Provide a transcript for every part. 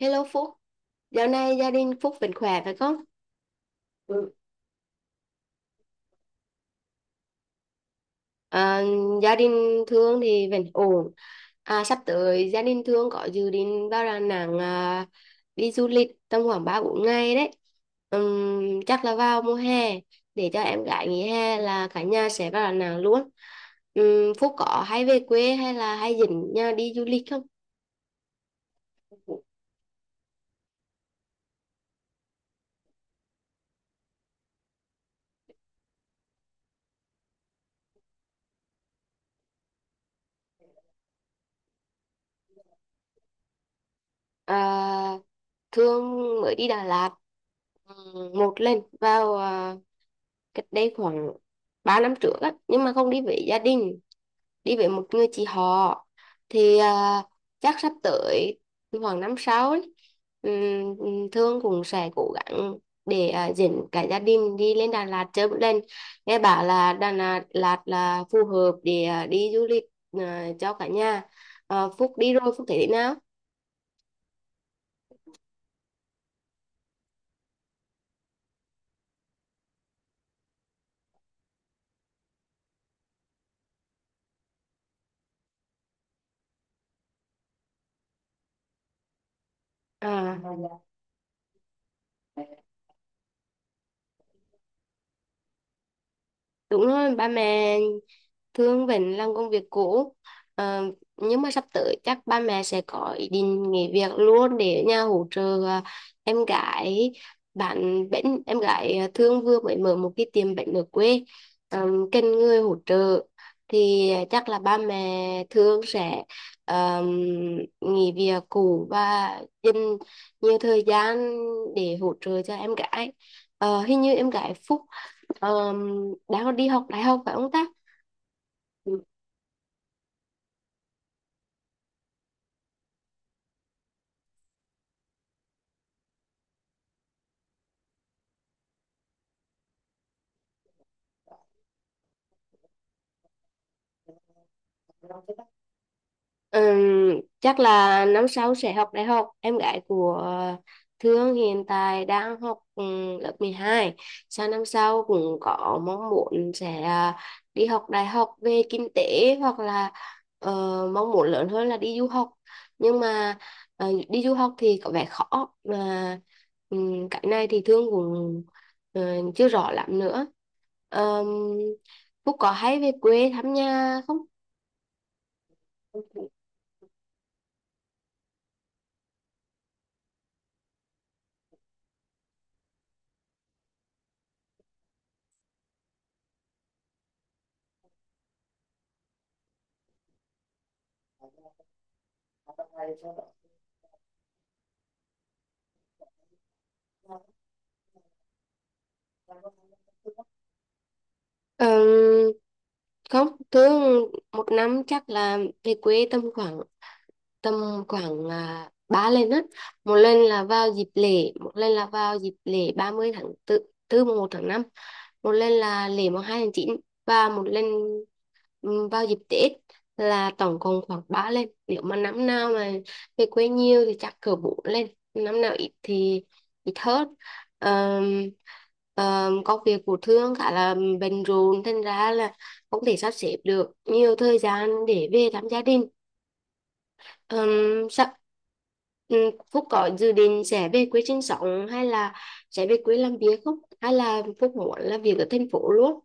Hello Phúc, dạo này gia đình Phúc vẫn khỏe phải không? Ừ. À, Gia đình Thương thì vẫn ổn. À, sắp tới gia đình Thương có dự định vào Đà Nẵng, đi du lịch tầm khoảng ba bốn ngày đấy. Chắc là vào mùa hè để cho em gái nghỉ hè là cả nhà sẽ vào Đà Nẵng luôn. Phúc có hay về quê hay là hay dẫn nhà đi du lịch không? À, Thương mới đi Đà Lạt một lần vào, cách đây khoảng 3 năm trước á, nhưng mà không đi với gia đình, đi với một người chị họ thì, chắc sắp tới khoảng năm sau ấy, Thương cũng sẽ cố gắng để, dẫn cả gia đình đi lên Đà Lạt chơi một lần. Nghe bảo là Đà Lạt, Lạt là phù hợp để, đi du lịch, cho cả nhà. À, Phúc đi rồi Phúc thấy thế nào? à Đúng rồi, ba mẹ thương vẫn làm công việc cũ. Ờ, nhưng mà sắp tới chắc ba mẹ sẽ có ý định nghỉ việc luôn để ở nhà hỗ trợ, em gái, bạn bánh em gái, thương vừa mới mở một cái tiệm bánh ở quê. Ờ, cần người hỗ trợ thì chắc là ba mẹ thương sẽ, ờ, nghỉ việc cũ và dành nhiều thời gian để hỗ trợ cho em gái. Ờ, hình như em gái Phúc, Ờ, đang đi học đại học phải không ta? Ừ. Chắc là năm sau sẽ học đại học. Em gái của Thương hiện tại đang học lớp mười hai. Sang năm sau cũng có mong muốn sẽ, đi học đại học về kinh tế hoặc là, ờ, mong muốn lớn hơn là đi du học. Nhưng mà, đi du học thì có vẻ khó. Mà cái này thì Thương cũng, ờ, chưa rõ lắm nữa. Um, Phúc có hay về quê thăm nhà không? Ờm, Không, thường một năm chắc là về quê tầm khoảng ba lần á. Một lần là vào dịp lễ, 30 tháng 4, tư mùng một tháng năm. Một lần là lễ mùng 2 tháng 9 và một lần vào dịp Tết. Là tổng cộng khoảng 3 lần. Nếu mà năm nào mà về quê nhiều thì chắc cỡ 4 lần, năm nào ít thì ít hơn. Ờm, Công việc của Thương khá là bận rộn thành ra là không thể sắp xếp được nhiều thời gian để về thăm gia đình. Sao ừm, Phúc có dự định sẽ về quê sinh sống hay là sẽ về quê làm việc không, hay là Phúc muốn làm việc ở thành phố luôn?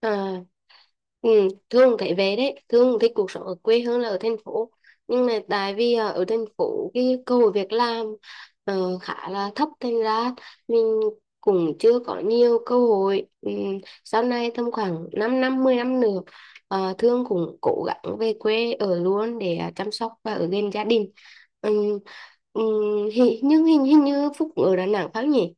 Ừ. Ừ, Thương thấy về đấy, Thương thích cuộc sống ở quê hơn là ở thành phố. Nhưng mà tại vì, ở thành phố cái cơ hội việc làm, khá là thấp thành ra mình cũng chưa có nhiều cơ hội. Ừ, sau này tầm khoảng 5 năm, 10 năm nữa, Thương cũng cố gắng về quê ở luôn để, chăm sóc và ở gần gia đình. Ừ, ừ, nhưng hình như Phúc ở Đà Nẵng phải không nhỉ?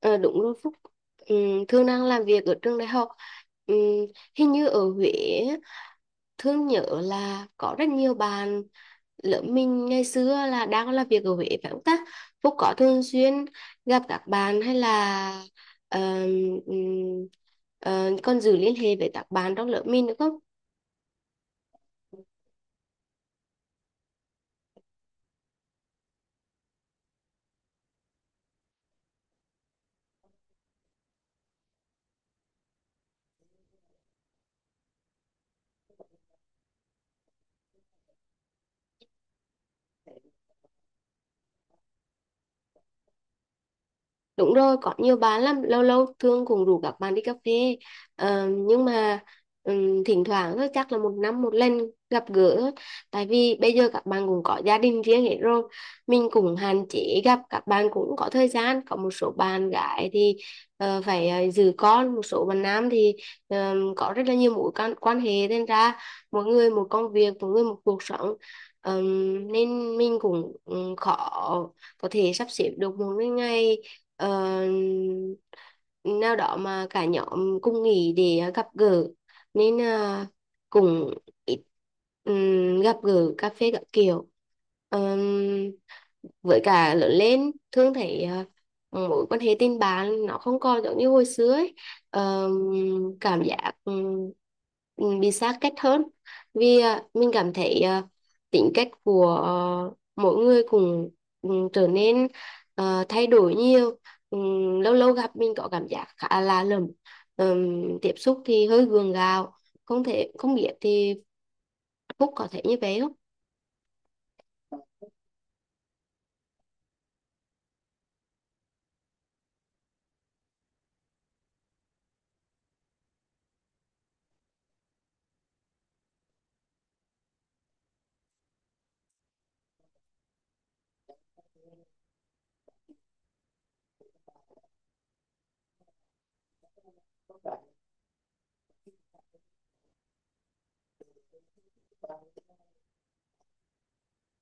Ờ, đúng rồi Phúc. Thương đang làm việc ở trường đại học. Ừm, Hình như ở Huế á, Thương nhớ là có rất nhiều bạn lớp mình ngày xưa là đang làm việc ở Huế phải không ta? Phúc có thường xuyên gặp các bạn hay là ờm, ừm, còn giữ liên hệ với các bạn trong lớp mình nữa không? Đúng rồi, có nhiều bạn lắm, lâu lâu Thương cũng rủ các bạn đi cà phê. Ờ, nhưng mà thỉnh thoảng thôi, chắc là một năm một lần gặp gỡ thôi. Tại vì bây giờ các bạn cũng có gia đình riêng hết rồi. Mình cũng hạn chế gặp, các bạn cũng có thời gian. Có một số bạn gái thì, phải giữ con, một số bạn nam thì có rất là nhiều mối quan hệ. Nên ra mỗi người một công việc, mỗi người một cuộc sống. Nên mình cũng ừ, khó có thể sắp xếp được một cái ngày ờ, nào đó mà cả nhóm cùng nghỉ để, gặp gỡ nên, cũng ít gặp gỡ cà phê các kiểu. Ờm, với cả lớn lên thương thấy, mối quan hệ tình bạn nó không còn giống như hồi xưa ấy. Ờm, Cảm giác bị xa cách hơn, vì, mình cảm thấy, tính cách của, mỗi người cũng trở nên, thay đổi nhiều. Lâu lâu gặp mình có cảm giác khá là lầm. Tiếp xúc thì hơi gượng gạo. Không thể không biết thì Phúc có thể như vậy không?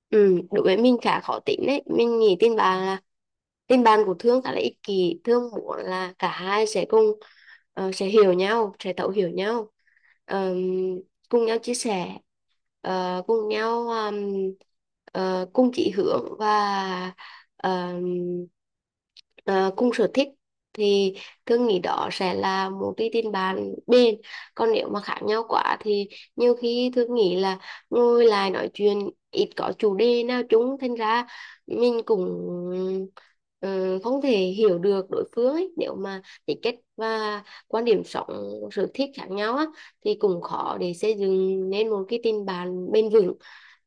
Ừ, đối với mình khá khó tính đấy. Mình nghĩ tin bạn là, tin bạn của Thương khá là ích kỷ. Thương muốn là cả hai sẽ cùng, sẽ hiểu nhau, sẽ thấu hiểu nhau, Ờm, cùng nhau chia sẻ, cùng nhau cùng chỉ hướng và, ờm, ờ, cùng sở thích thì Thương nghĩ đó sẽ là một cái tin bạn bền. Còn nếu mà khác nhau quá thì nhiều khi Thương nghĩ là ngồi lại nói chuyện ít có chủ đề nào chung thành ra mình cũng, ờ, không thể hiểu được đối phương ấy. Nếu mà tính cách và quan điểm sống sở thích khác nhau á, thì cũng khó để xây dựng nên một cái tình bạn bền vững.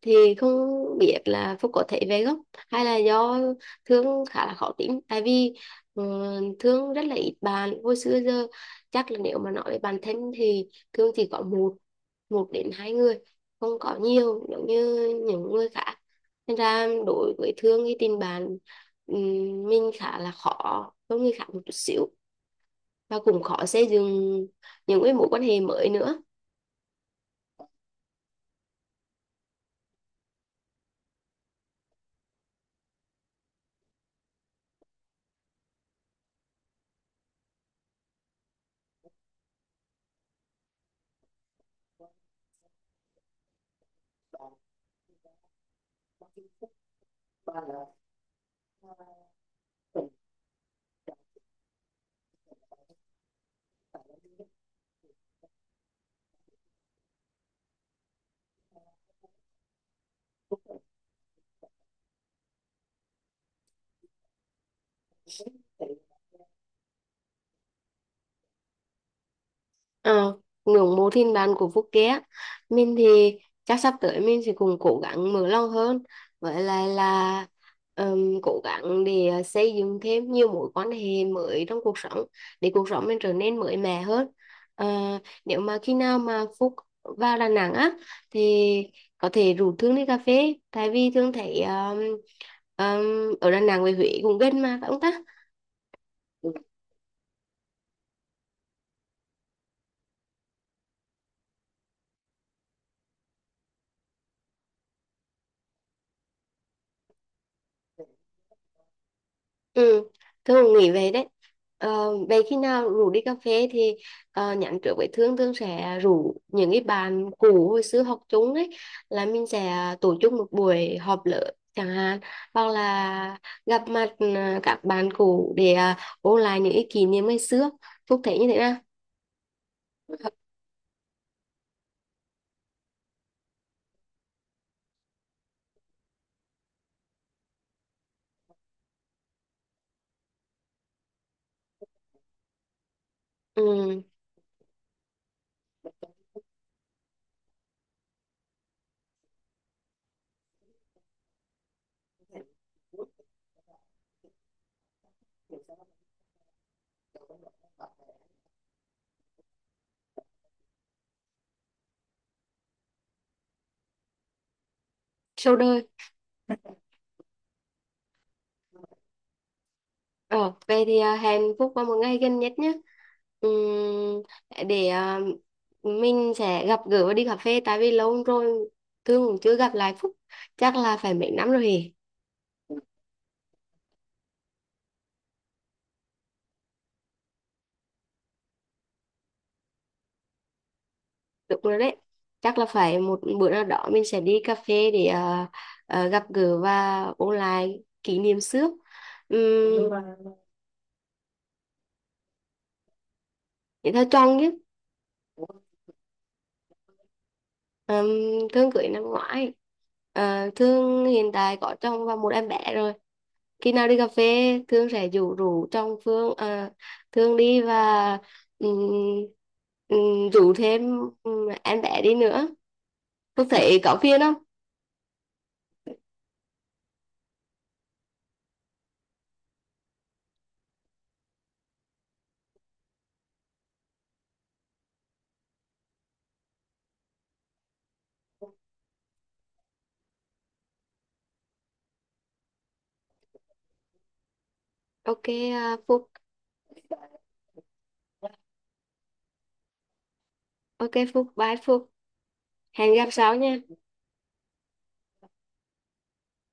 Thì không biết là Phúc có thể về gốc hay là do Thương khá là khó tính, tại vì, ờ, Thương rất là ít bạn hồi xưa giờ, chắc là nếu mà nói về bản thân thì Thương chỉ có một một đến hai người, không có nhiều giống như những người khác. Nên ra đối với Thương thì tình bạn mình khá là khó hơn người khác một chút xíu và cũng khó xây dựng những cái mối quan hệ mới nữa. Ờ, ngưỡng mộ thiên đàng của Phúc Ké, mình thì chắc sắp tới mình sẽ cùng cố gắng mở lòng hơn, với lại là cố gắng để, xây dựng thêm nhiều mối quan hệ mới trong cuộc sống để cuộc sống mình trở nên mới mẻ hơn. Ờ, nếu mà khi nào mà Phúc vào Đà Nẵng á thì có thể rủ Thương đi cà phê, tại vì Thương thấy ở Đà Nẵng với Huế cũng gần mà, phải không ta? Ừ, Thương cũng nghĩ vậy đấy. Ờ, vậy khi nào rủ đi cà phê thì, nhắn trước với Thương, Thương sẽ rủ những cái bạn cũ hồi xưa học chung ấy, là mình sẽ tổ chức một buổi họp lớp chẳng hạn, hoặc là gặp mặt, các bạn cũ để, ôn lại những cái kỷ niệm ngày xưa. Phúc thấy như thế nào? Ừ, sau đây. Ờ, vậy thì, hẹn Phúc vào một ngày gần nhất nhé. Ừm, để, mình sẽ gặp gỡ và đi cà phê, tại vì lâu rồi Thương cũng chưa gặp lại Phúc. Chắc là phải mấy năm rồi hề. Đúng rồi đấy. Chắc là phải một bữa nào đó mình sẽ đi cà phê để, gặp gỡ và ôn lại kỷ niệm xưa. Uhm, Thế thôi chọn nhé. Ừm, Thương cưới năm ngoái. Ờ, Thương hiện tại có chồng và một em bé rồi. Khi nào đi cà phê Thương sẽ rủ rủ trong Phương, Thương đi, và ừm, rủ thêm em bé đi nữa. Phương thấy có phiền không? OK, Phúc. OK Phúc, bye Phúc, hẹn gặp sau nha.